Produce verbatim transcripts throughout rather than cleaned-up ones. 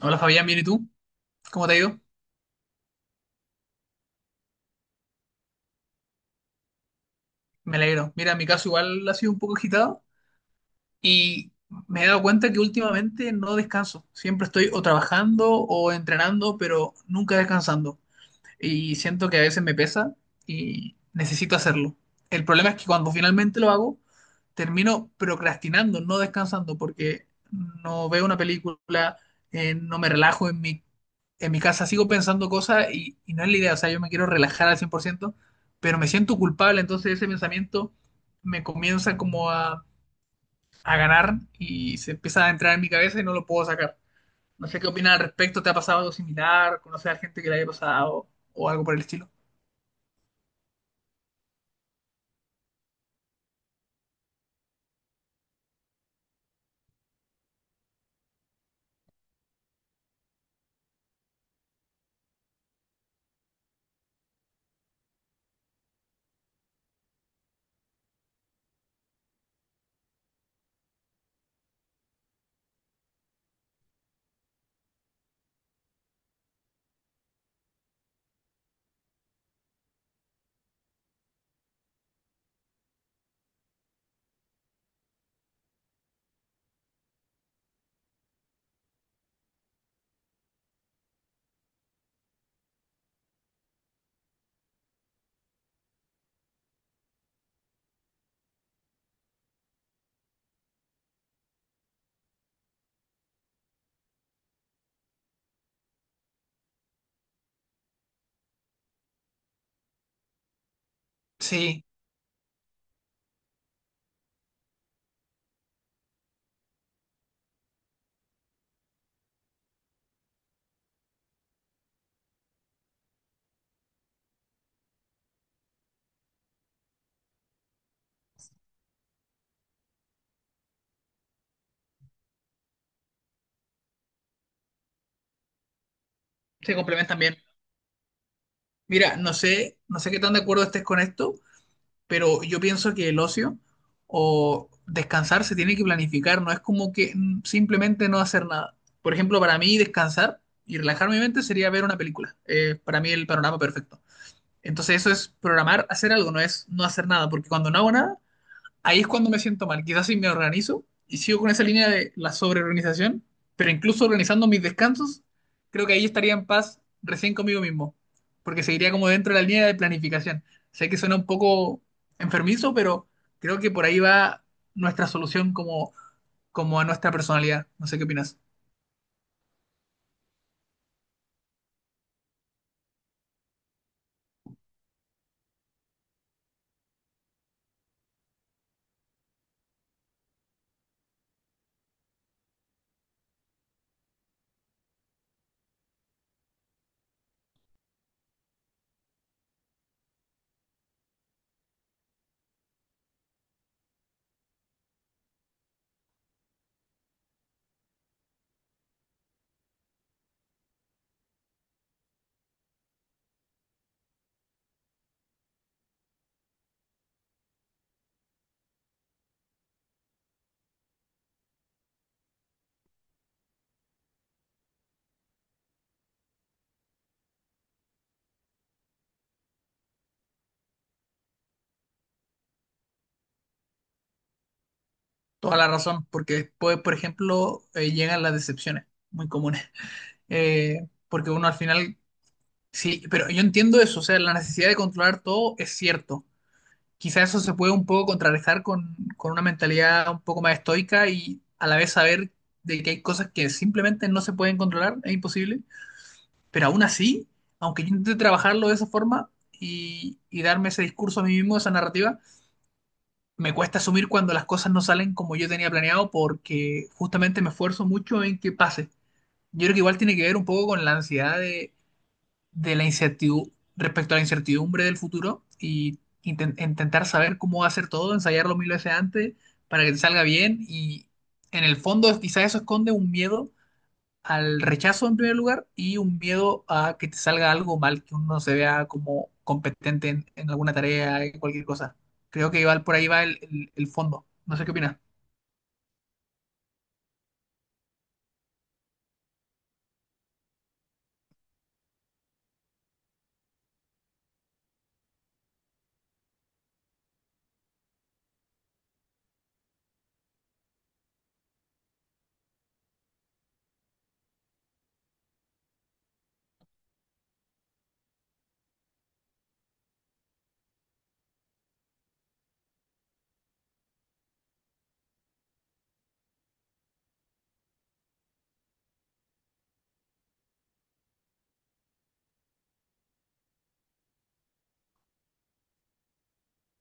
Hola Fabián, bien, ¿y tú? ¿Cómo te ha ido? Me alegro. Mira, mi caso igual ha sido un poco agitado y me he dado cuenta que últimamente no descanso. Siempre estoy o trabajando o entrenando, pero nunca descansando. Y siento que a veces me pesa y necesito hacerlo. El problema es que cuando finalmente lo hago, termino procrastinando, no descansando, porque no veo una película, eh, no me relajo en mi, en mi casa, sigo pensando cosas y, y no es la idea, o sea, yo me quiero relajar al cien por ciento, pero me siento culpable, entonces ese pensamiento me comienza como a, a ganar y se empieza a entrar en mi cabeza y no lo puedo sacar. No sé qué opinas al respecto, ¿te ha pasado algo similar? ¿Conoces a gente que le haya pasado o algo por el estilo? Sí, se complementan bien. Mira, no sé, no sé qué tan de acuerdo estés con esto, pero yo pienso que el ocio o descansar se tiene que planificar, no es como que mm, simplemente no hacer nada. Por ejemplo, para mí descansar y relajar mi mente sería ver una película. Eh, para mí el panorama perfecto. Entonces eso es programar hacer algo, no es no hacer nada, porque cuando no hago nada, ahí es cuando me siento mal. Quizás si me organizo y sigo con esa línea de la sobreorganización, pero incluso organizando mis descansos, creo que ahí estaría en paz recién conmigo mismo, porque seguiría como dentro de la línea de planificación. Sé que suena un poco enfermizo, pero creo que por ahí va nuestra solución como, como a nuestra personalidad. No sé qué opinas. Toda la razón, porque después, por ejemplo, eh, llegan las decepciones, muy comunes. Eh, porque uno al final, sí, pero yo entiendo eso, o sea, la necesidad de controlar todo es cierto. Quizás eso se puede un poco contrarrestar con, con una mentalidad un poco más estoica, y a la vez saber de que hay cosas que simplemente no se pueden controlar, es imposible. Pero aún así, aunque yo intente trabajarlo de esa forma y, y darme ese discurso a mí mismo, esa narrativa, me cuesta asumir cuando las cosas no salen como yo tenía planeado, porque justamente me esfuerzo mucho en que pase. Yo creo que igual tiene que ver un poco con la ansiedad de la incertidumbre, respecto a la incertidumbre del futuro, y inten- intentar saber cómo va a ser todo, ensayarlo mil veces antes para que te salga bien, y en el fondo quizás eso esconde un miedo al rechazo en primer lugar, y un miedo a que te salga algo mal, que uno no se vea como competente en, en alguna tarea, en cualquier cosa. Creo que va- por ahí va el, el- el fondo. No sé qué opinas.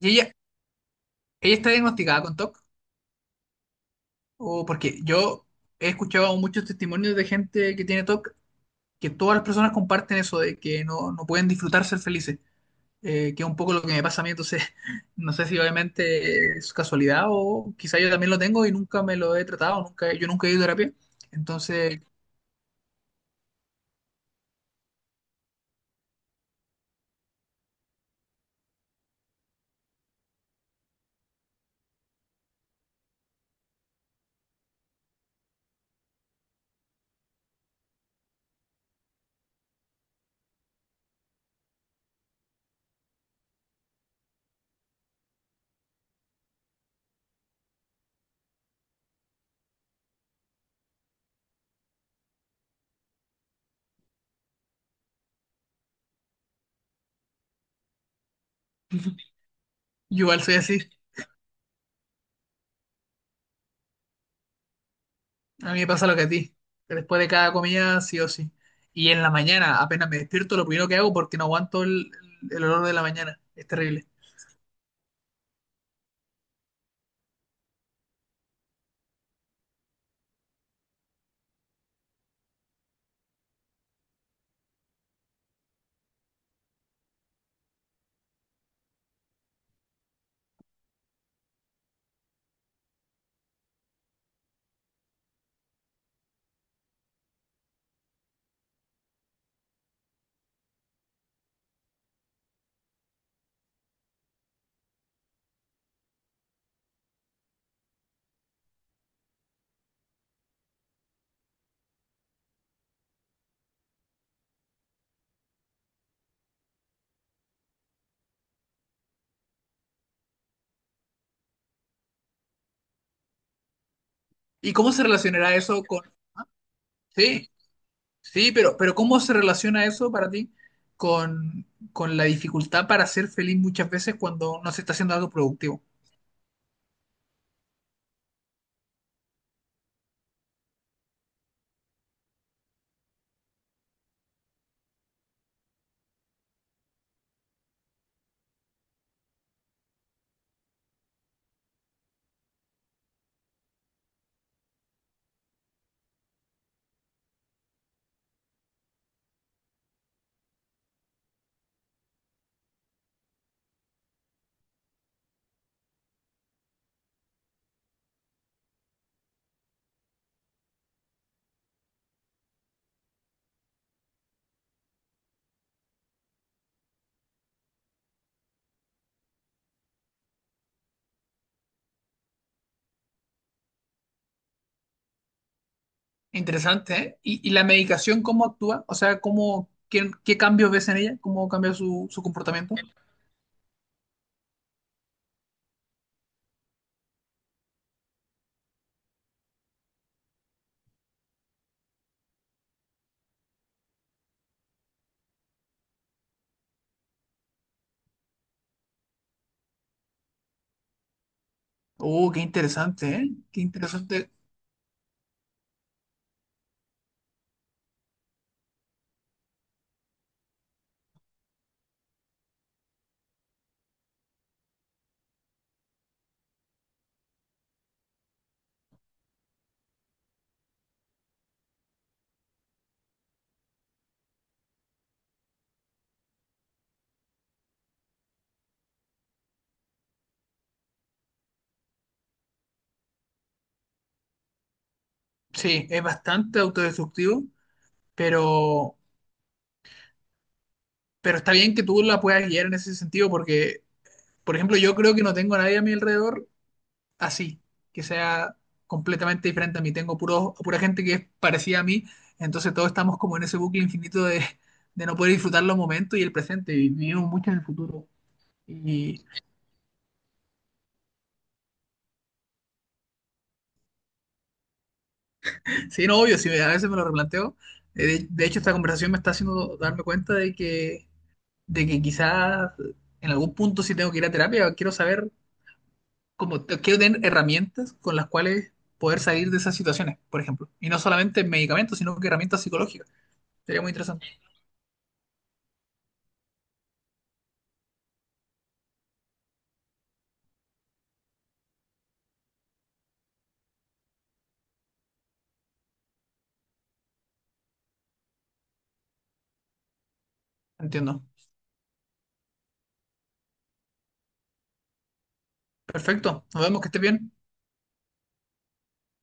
¿Y ella, ella está diagnosticada con T O C? ¿O C? ¿O porque yo he escuchado muchos testimonios de gente que tiene T O C, que todas las personas comparten eso de que no, no pueden disfrutar ser felices, eh, que es un poco lo que me pasa a mí? Entonces no sé si obviamente es casualidad o quizá yo también lo tengo y nunca me lo he tratado, nunca, yo nunca he ido a terapia, entonces yo igual soy así, a mí me pasa lo que a ti, que después de cada comida sí o sí, y en la mañana apenas me despierto lo primero que hago, porque no aguanto el, el olor de la mañana, es terrible. ¿Y cómo se relacionará eso con—? Sí, sí, pero, pero ¿cómo se relaciona eso para ti con, con la dificultad para ser feliz muchas veces cuando no se está haciendo algo productivo? Interesante, ¿eh? ¿Y, y la medicación cómo actúa? O sea, ¿cómo, qué, qué cambios ves en ella? ¿Cómo cambia su, su comportamiento? Oh, qué interesante, ¿eh? Qué interesante. Sí, es bastante autodestructivo, pero, pero está bien que tú la puedas guiar en ese sentido, porque, por ejemplo, yo creo que no tengo a nadie a mi alrededor así, que sea completamente diferente a mí. Tengo puro, pura gente que es parecida a mí, entonces todos estamos como en ese bucle infinito de, de no poder disfrutar los momentos y el presente, y vivimos mucho en el futuro. Y sí, no, obvio, sí, a veces me lo replanteo. Eh, De, de hecho, esta conversación me está haciendo darme cuenta de que, de que quizás en algún punto si tengo que ir a terapia. Quiero saber cómo, quiero tener herramientas con las cuales poder salir de esas situaciones, por ejemplo. Y no solamente medicamentos, sino que herramientas psicológicas. Sería muy interesante. Entiendo. Perfecto, nos vemos, que esté bien.